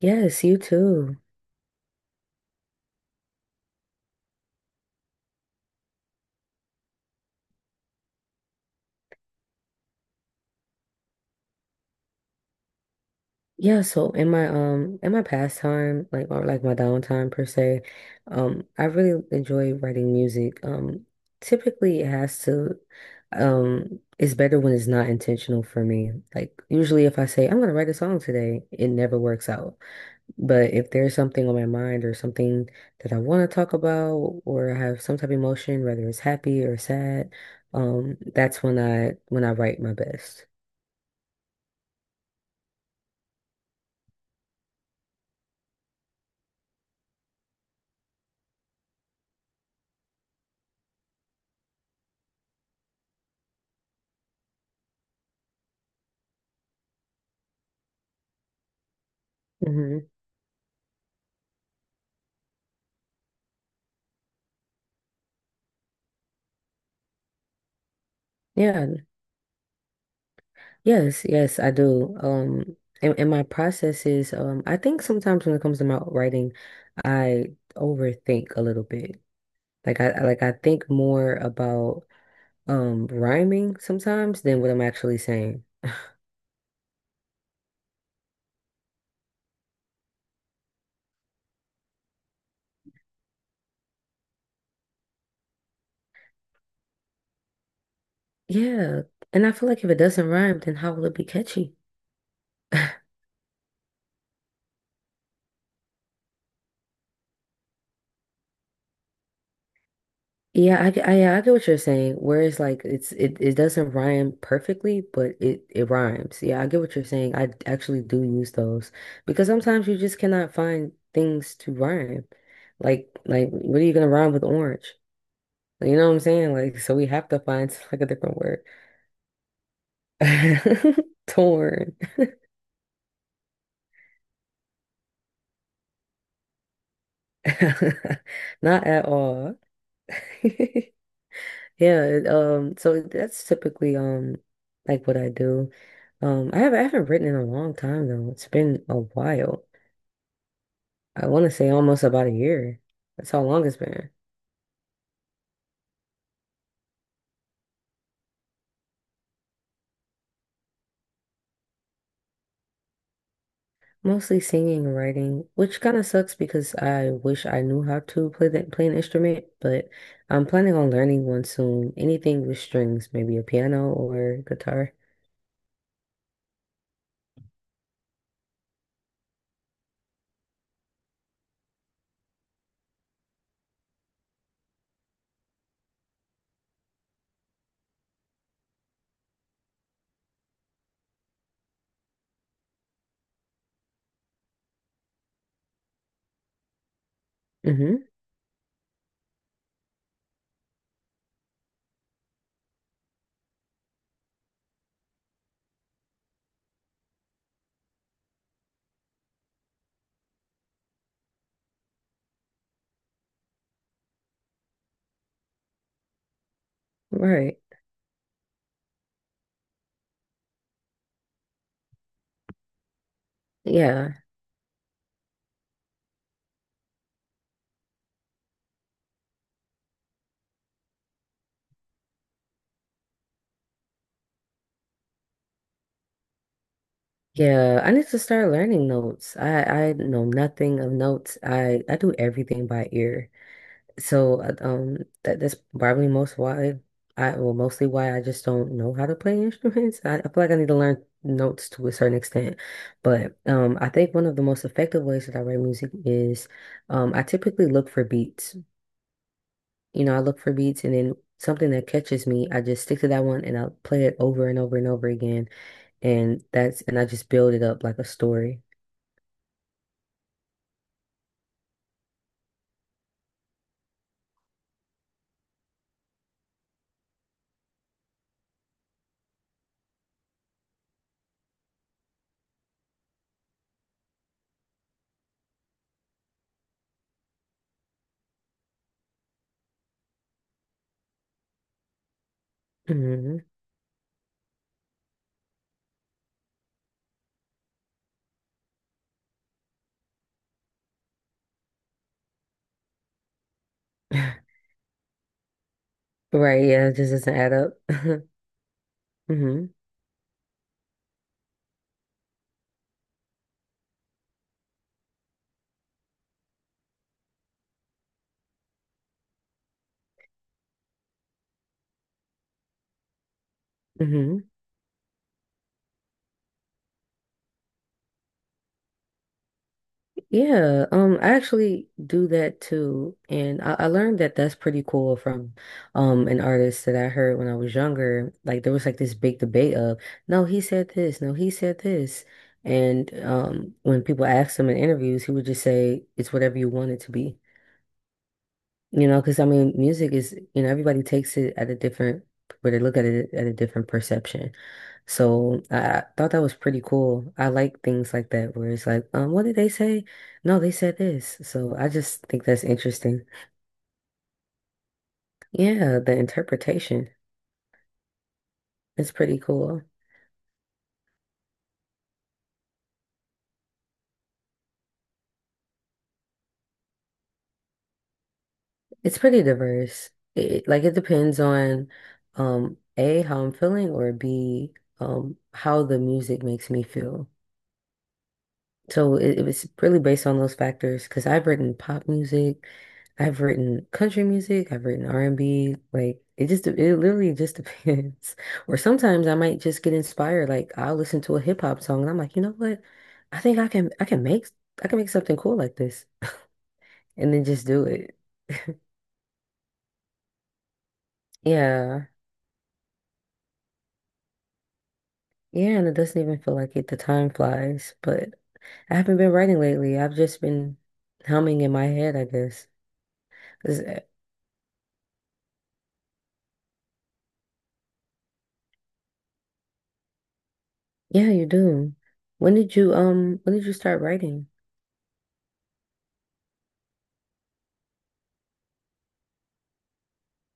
Yes, you too. Yeah, so in my pastime, like my downtime per se, I really enjoy writing music. Typically it has to it's better when it's not intentional for me. Like usually if I say I'm gonna write a song today, it never works out. But if there's something on my mind or something that I want to talk about, or I have some type of emotion, whether it's happy or sad, that's when I write my best. Mm-hmm. Yeah, yes, I do. And my process is, I think sometimes when it comes to my writing, I overthink a little bit. Like I think more about rhyming sometimes than what I'm actually saying. Yeah, and I feel like if it doesn't rhyme, then how will it be catchy? Yeah, I get what you're saying. Whereas like it doesn't rhyme perfectly, but it rhymes. Yeah, I get what you're saying. I actually do use those because sometimes you just cannot find things to rhyme. Like what are you gonna rhyme with orange? You know what I'm saying? Like so we have to find like a different word. Torn. Not at all. So that's typically like what I do. I haven't written in a long time though. It's been a while. I want to say almost about a year. That's how long it's been. Mostly singing and writing, which kind of sucks because I wish I knew how to play an instrument, but I'm planning on learning one soon. Anything with strings, maybe a piano or guitar. Mm-hmm. Right. Yeah, yeah, I need to start learning notes. I know nothing of notes. I do everything by ear. So that's probably mostly why I just don't know how to play instruments. I feel like I need to learn notes to a certain extent. But I think one of the most effective ways that I write music is I typically look for beats. You know, I look for beats, and then something that catches me, I just stick to that one and I'll play it over and over and over again. And that's and I just build it up like a story. Hmm Right, yeah, it just doesn't add up. hmm hmm Yeah, I actually do that too, and I learned that that's pretty cool from an artist that I heard when I was younger. Like there was like this big debate of, no, he said this, no, he said this, and when people asked him in interviews, he would just say it's whatever you want it to be, you know, because I mean, music is, you know, everybody takes it at a different, but they look at it at a different perception. So I thought that was pretty cool. I like things like that where it's like, what did they say? No, they said this. So I just think that's interesting. Yeah, the interpretation is pretty cool. It's pretty diverse. It depends on A, how I'm feeling, or B, how the music makes me feel. So it was really based on those factors, because I've written pop music, I've written country music, I've written R&B. Like it literally just depends. Or sometimes I might just get inspired. Like I'll listen to a hip hop song and I'm like, you know what? I think I can make something cool like this, and then just do it. Yeah, yeah. And it doesn't even feel like it. The time flies. But I haven't been writing lately. I've just been humming in my head, I guess. Yeah, you do. When did you start writing?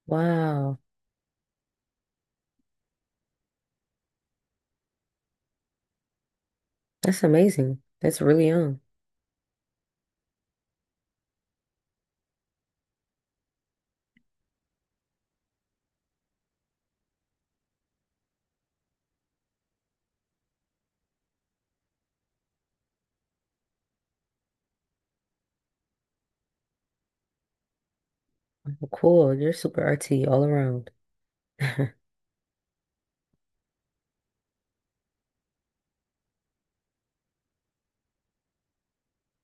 Wow, that's amazing. That's really young. Wow, cool. You're super artsy all around.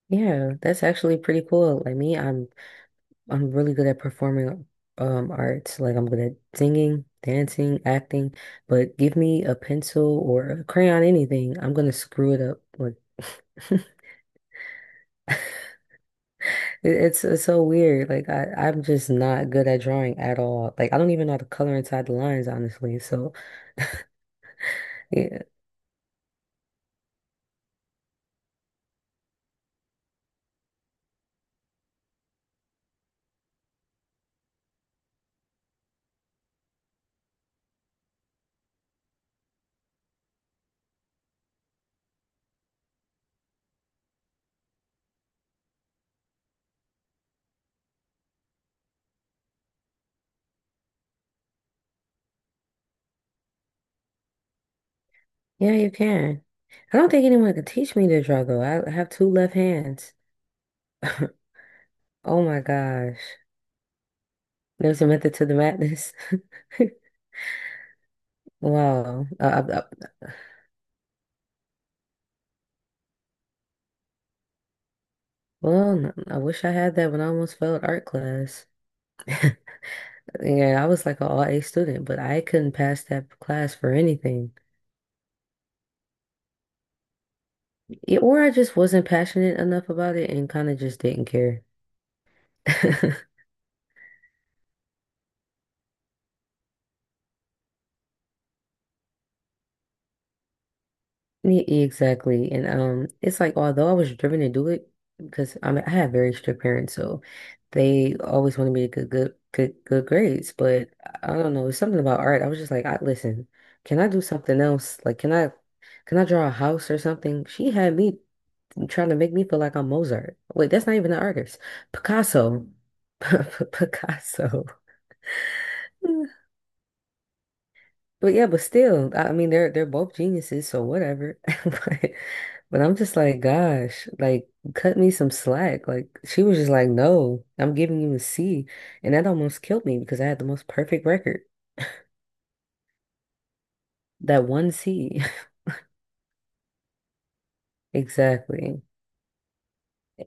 Yeah, that's actually pretty cool. Like me, I'm really good at performing arts. Like I'm good at singing, dancing, acting, but give me a pencil or a crayon, anything, I'm gonna screw it up. Like it- it's so weird. Like I'm just not good at drawing at all. Like I don't even know how to color inside the lines, honestly. So yeah, yeah, you can. I don't think anyone could teach me to draw, though. I have two left hands. Oh my gosh. There's a method to the madness. Wow. Well, I wish I had that when I almost failed art class. Yeah, I was like an all A student, but I couldn't pass that class for anything. Yeah, or I just wasn't passionate enough about it and kind of just didn't care. Yeah, exactly. And it's like although I was driven to do it because I mean I had very strict parents, so they always wanted me to get good grades. But I don't know, it's something about art. I was just like, I listen, can I do something else? Like can I draw a house or something? She had me trying to make me feel like I'm Mozart. Wait, that's not even an artist. Picasso. Picasso. But yeah, but still, I mean they're both geniuses, so whatever. But But I'm just like, gosh, like cut me some slack. Like she was just like, no, I'm giving you a C. And that almost killed me because I had the most perfect record. That one C. Exactly.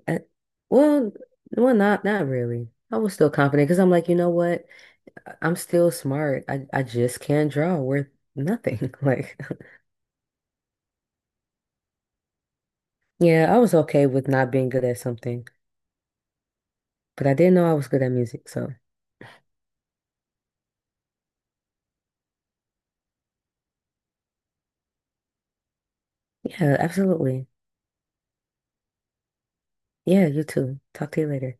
I- well, well, not not really. I was still confident because I'm like, you know what? I'm still smart. I just can't draw worth nothing. Like, yeah, I was okay with not being good at something, but I didn't know I was good at music. So yeah, absolutely. Yeah, you too. Talk to you later.